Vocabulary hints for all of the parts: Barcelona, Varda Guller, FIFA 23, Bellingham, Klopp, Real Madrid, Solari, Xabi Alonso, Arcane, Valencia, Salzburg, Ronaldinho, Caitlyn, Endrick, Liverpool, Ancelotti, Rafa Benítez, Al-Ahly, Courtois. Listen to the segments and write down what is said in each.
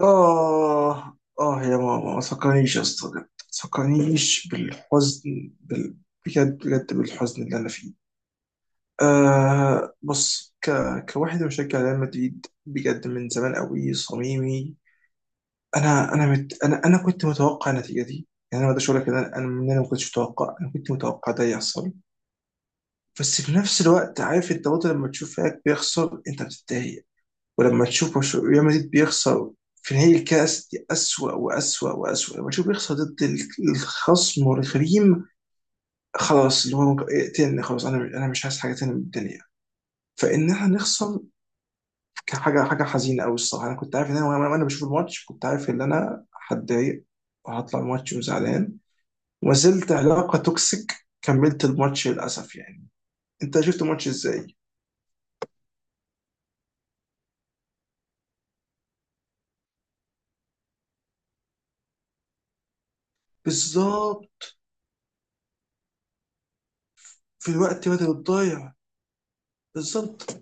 آه، يا ماما ما تفكرنيش يا اسطى، بجد ما تفكرنيش بالحزن بجد بجد بالحزن اللي أنا فيه. آه، كواحد مشجع ريال مدريد بجد من زمان قوي صميمي. أنا كنت متوقع النتيجة دي. يعني أنا ما أقدرش أقول لك إن أنا، إن أنا ما كنتش متوقع. أنا كنت متوقع ده يحصل. بس في نفس الوقت، عارف أنت برضه لما تشوف فريقك بيخسر أنت بتتضايق. ولما تشوف ريال مدريد بيخسر في نهائي الكاس دي أسوأ وأسوأ وأسوأ، لما تشوف بيخسر ضد الخصم والغريم. خلاص، اقتلني خلاص، أنا مش عايز حاجة تانية من الدنيا. فإن إحنا نخسر كان حاجة حزينة أوي الصراحة. أنا كنت عارف إن أنا، وأنا بشوف الماتش، كنت عارف إن أنا هتضايق وهطلع الماتش وزعلان. وما زلت علاقة توكسيك، كملت الماتش للأسف يعني. أنت شفت الماتش إزاي؟ بالظبط، في الوقت بدل الضايع. بالظبط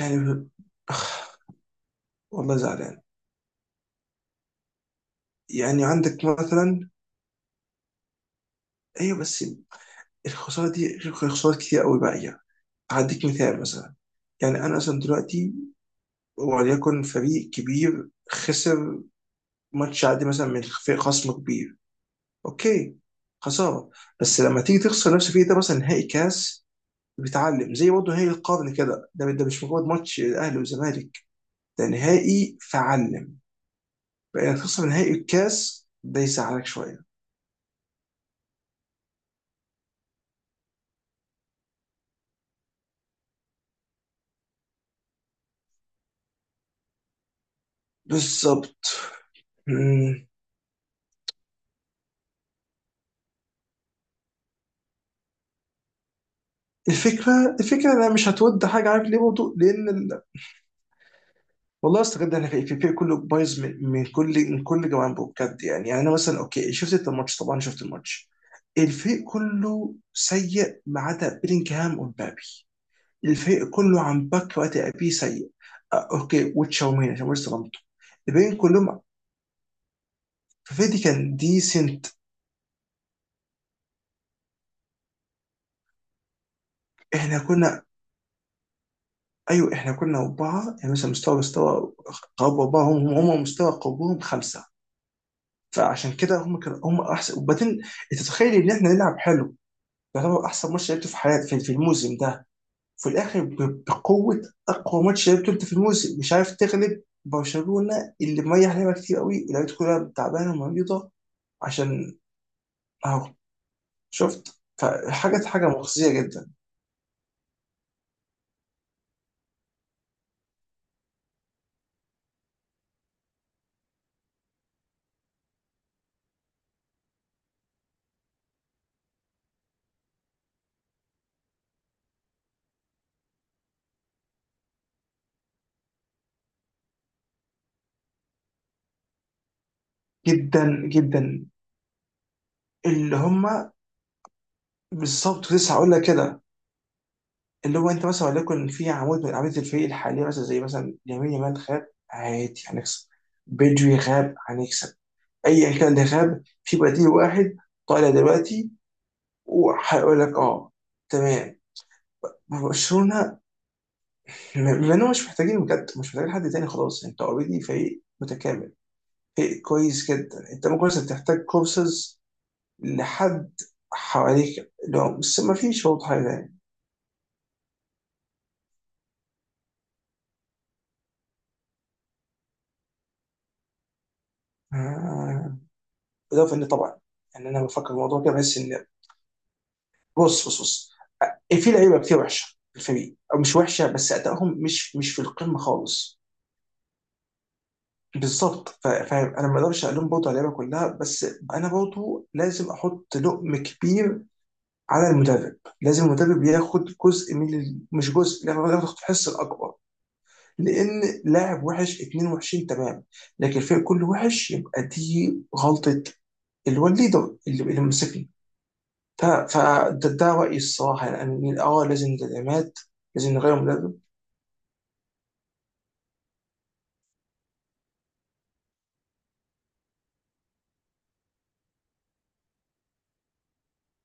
يعني. والله زعلان. يعني عندك مثلا، ايوه بس الخساره دي غير خسارات كتير قوي باقيه. هديك مثال مثلا. يعني انا مثلا دلوقتي، وليكن فريق كبير خسر ماتش عادي مثلا من فريق خصم كبير، اوكي، خساره. بس لما تيجي تخسر نفس الفريق ده مثلا نهائي كاس، بتتعلم زي برضه نهائي القرن كده، ده ده مش مجرد ماتش الاهلي والزمالك، ده نهائي فعلم. بقى تخسر نهائي الكاس ده يزعلك شويه. بالظبط. الفكره انها مش هتود حاجه، عارف ليه برضه؟ لان ال... والله استغربت، احنا في الفريق كله بايظ من كل من كل جوانبه بجد يعني. انا مثلا اوكي، شفت انت الماتش؟ طبعا شفت الماتش. الفريق كله سيء ما عدا بيلينجهام ومبابي. الفريق كله عن باك وقت ابي سيء. آه، اوكي، وتشاوميني عشان لسه ظلمته. الباقيين كلهم ففيدي كان ديسنت. احنا كنا، ايوه احنا كنا اربعه يعني مثلا، مستوى قرب اربعه، هم مستوى قربهم خمسه. فعشان كده هم كانوا هم احسن. وبعدين انت تتخيل ان احنا نلعب حلو؟ يعتبر احسن ماتش لعبته في حياتي في الموسم ده، في الاخر بقوه. اقوى ماتش لعبته انت في الموسم، مش عارف تغلب برشلونه اللي مريح لعبه كتير قوي ولعبته كلها تعبانه ومريضه. عشان اهو شفت، فحاجه مخزيه جدا. جدا جدا، اللي هم. بالظبط، لسه هقول لك كده. اللي هو انت مثلا وليكن في عمود من اعمده الفريق الحاليه مثلا، زي مثلا يمين يامال غاب، عادي هنكسب. بدري غاب، هنكسب. ايا كان اللي غاب في بديل واحد طالع دلوقتي وهيقول لك اه، تمام. ما برشلونه بما انهم مش محتاجين، بجد مش محتاجين حد تاني خلاص، انت اوريدي فريق متكامل فريق كويس جدا. انت ممكن بس بتحتاج كورسز لحد حواليك، لو بس ما فيش برضه حاجه تاني. آه. بالاضافه ان طبعا، يعني انا بفكر في الموضوع كده بحس ان، بص بص بص، في لعيبه كتير وحشه في الفريق او مش وحشه بس ادائهم مش في القمه خالص. بالظبط. فاهم، انا ما اقدرش الوم برضه على اللعيبه كلها، بس انا برضه لازم احط لقم كبير على المدرب. لازم المدرب ياخد جزء من ال... مش جزء، لا، هو ياخد الحصه الاكبر. لان لاعب وحش، اتنين وحشين، تمام. لكن الفريق كله وحش يبقى دي غلطه اللي هو الليدر اللي ماسكنا. فده رأيي الصراحة يعني. اه لازم تدعيمات، لازم نغير مدرب.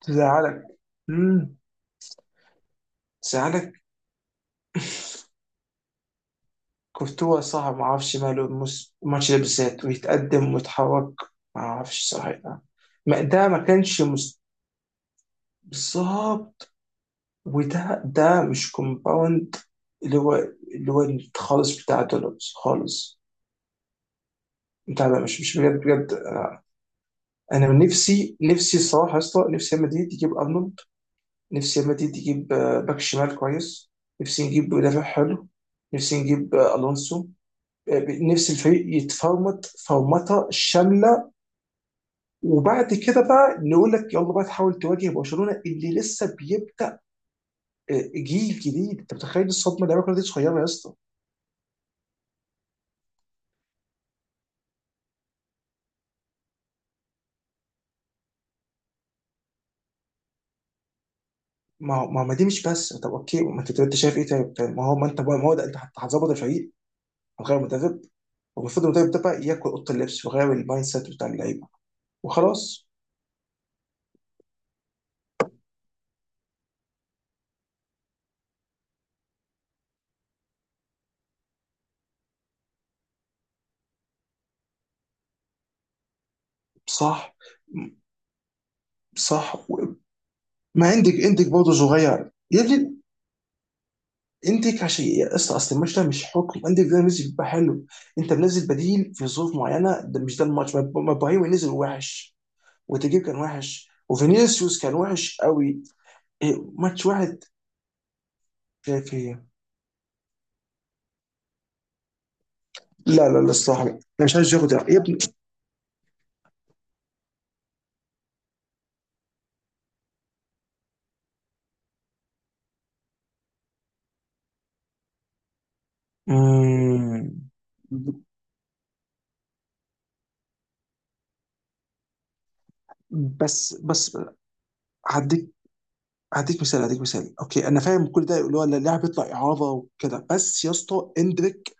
تزعلك. امم، تزعلك. كورتوا صعب، ما اعرفش ماله الماتش ده بالذات، ويتقدم ويتحرك. ما اعرفش صراحة. ما ده ما كانش مس- بالظبط. وده مش كومباوند، اللي هو اللي هو خالص بتاع دولوز خالص، بتاع مش مش بجد بجد. انا من نفسي الصراحه يا اسطى، نفسي ريال مدريد يجيب ارنولد. نفسي ريال مدريد يجيب آه، باك شمال كويس. نفسي نجيب مدافع حلو. نفسي نجيب آه، الونسو. آه، نفسي الفريق يتفرمط فرمطه شامله، وبعد كده بقى نقول لك يلا بقى تحاول تواجه برشلونه اللي لسه بيبدا آه، جيل جديد. انت متخيل الصدمه؟ اللعيبه كلها دي صغيره يا اسطى. ما دي مش بس. طب اوكي، ما انت شايف ايه؟ طيب طيب، ما هو ما انت، ما هو ده انت هتظبط الفريق، هتغير مدرب. والمفروض المدرب ده بقى ياكل اوضه اللبس ويغير المايند سيت بتاع اللعيبه وخلاص. صح. صح. ما عندك، عندك برضه صغير يا ابني، عندك. عشان يا اسطى اصل الماتش ده مش حكم، عندك ده نزل بيبقى حلو. انت منزل بديل في ظروف معينه، ده مش ده الماتش. ما ابراهيم نزل وحش، وتجيب كان وحش، وفينيسيوس كان وحش قوي. إيه، ماتش واحد في في. لا لا لا الصراحه، انا مش عايز ياخد يا ابني. أمم. بس بس، هديك هديك مثال اوكي، انا فاهم كل ده اللي هو اللاعب يطلع اعاره وكده، بس يا اسطى،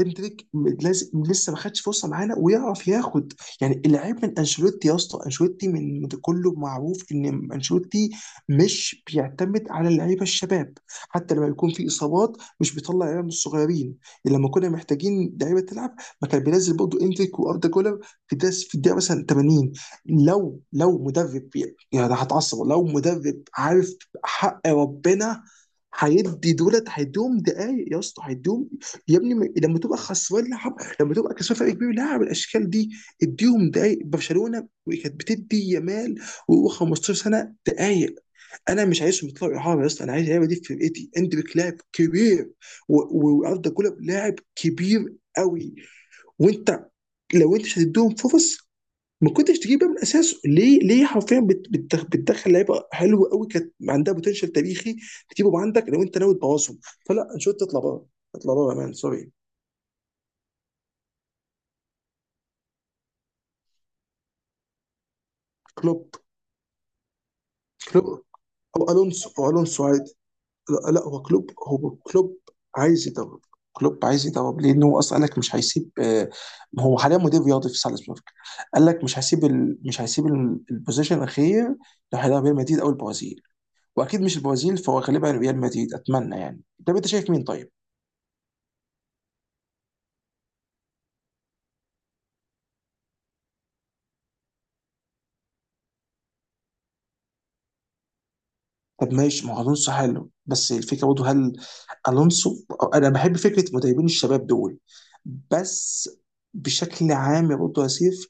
لازم لسه ما خدش فرصه معانا ويعرف ياخد. يعني العيب من انشيلوتي يا اسطى. انشيلوتي من كله معروف ان انشيلوتي مش بيعتمد على اللعيبه الشباب. حتى لما يكون في اصابات مش بيطلع لعيبه من الصغيرين. لما كنا محتاجين لعيبه تلعب ما كان بينزل برضه اندريك واردا جولر في داس في الدقيقه مثلا 80. لو مدرب يعني، أنا هتعصب لو مدرب، عارف حق ربنا. هيدي دولت، هيدوم دقايق يا اسطى، هيدوم. يا ابني، لما تبقى خسران لعب، لما تبقى كسبان فرق كبير لعب الاشكال دي، اديهم دقايق. برشلونه كانت بتدي يامال وهو 15 سنه دقايق. انا مش عايزهم يطلعوا اعاره يا اسطى، انا عايز اللعيبه دي في فرقتي. اندريك لاعب كبير، واردا جولر لاعب كبير قوي. وانت لو انت مش هتديهم فرص، ما كنتش تجيبها من اساسه. ليه؟ ليه حرفيا بتدخل لعيبه حلوه قوي كانت عندها بوتنشال تاريخي، تجيبهم عندك لو انت ناوي تبوظهم؟ فلا، انشوت تطلع بره. اطلع بره يا مان، سوري. كلوب. كلوب او الونسو عادي. لا, لا، هو كلوب عايز يدرب. كلوب عايز يدرب، لان هو اصلا قال لك مش هيسيب آه،. هو حاليا مدير رياضي في سالزبورج. قال لك مش هيسيب ال... مش هيسيب البوزيشن الاخير لو هيلعب ريال مدريد او البرازيل. واكيد مش البرازيل، فهو غالبا ريال مدريد، اتمنى يعني. طب انت شايف مين طيب؟ طب ماشي، ما هو الونسو حلو، بس الفكره برضه، هل الونسو... انا بحب فكره مدربين الشباب دول، بس بشكل عام يا برضه يا سيف،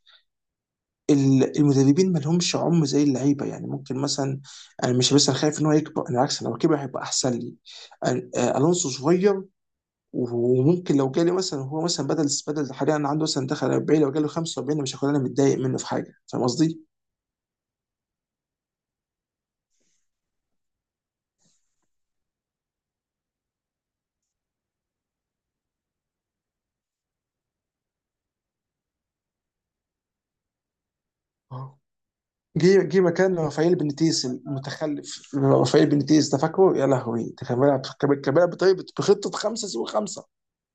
المدربين ما لهمش عمر زي اللعيبه يعني. ممكن مثلا انا مش بس انا خايف ان هو يكبر، انا بالعكس لو كبر هيبقى احسن لي. آه، الونسو صغير، وممكن لو جالي مثلا، هو مثلا بدل حاليا عنده مثلا دخل 40، لو جاله 45 أنا مش هكون متضايق منه في حاجه، فاهم قصدي؟ آه. جه مكان رافائيل بنيتيز المتخلف. رافائيل بنيتيز ده فاكره؟ يا لهوي ده كان بيلعب، كان بيلعب بطريقه بخطه خمسه سوى خمسه،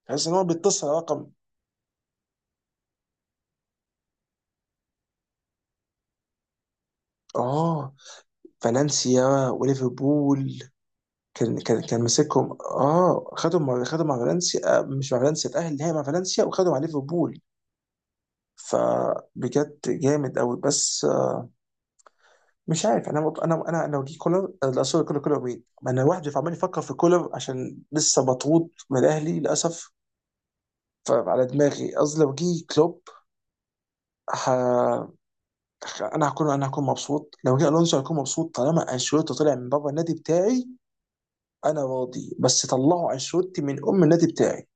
تحس ان هو بيتصل على رقم. اه، فالنسيا وليفربول. كان ماسكهم، اه، خدهم مع فالنسيا، آه، مش مع فالنسيا، اتأهل النهائي مع فالنسيا، وخدهم مع ليفربول. فبجد جامد قوي، بس آه، مش عارف. انا لو جه كولر، آه، لا سوري، كولر، كولر مين؟ ما انا واحد عمال يفكر في كولر عشان لسه مطرود من الاهلي للاسف، فعلى دماغي. قصدي لو جه كلوب، ه..., انا هكون مبسوط. لو جه الونسو هكون مبسوط. طالما انشيلوتي طلع من بابا النادي بتاعي انا راضي، بس طلعوا انشيلوتي من ام النادي بتاعي.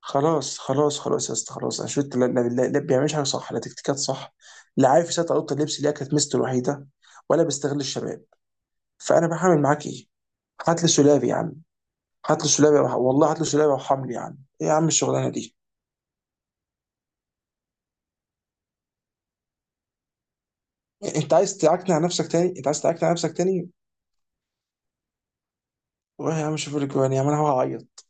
خلاص يا اسطى خلاص، انشيلوتي لا لا بيعملش حاجه صح، لا تكتيكات صح، لا عارف يسيطر على اوضه اللبس اللي هي كانت ميزته الوحيده، ولا بيستغل الشباب. فانا بعمل معاك ايه؟ هات لي سولافي يا عم، هات لي سولافي والله، هات لي سولافي، وحملي يا عم، ايه يا عم الشغلانه دي؟ إيه، انت عايز تعكنع نفسك تاني؟ انت عايز تعكنع نفسك تاني؟ روح يا عم، شوف لك جوان يا عم، انا هعيط.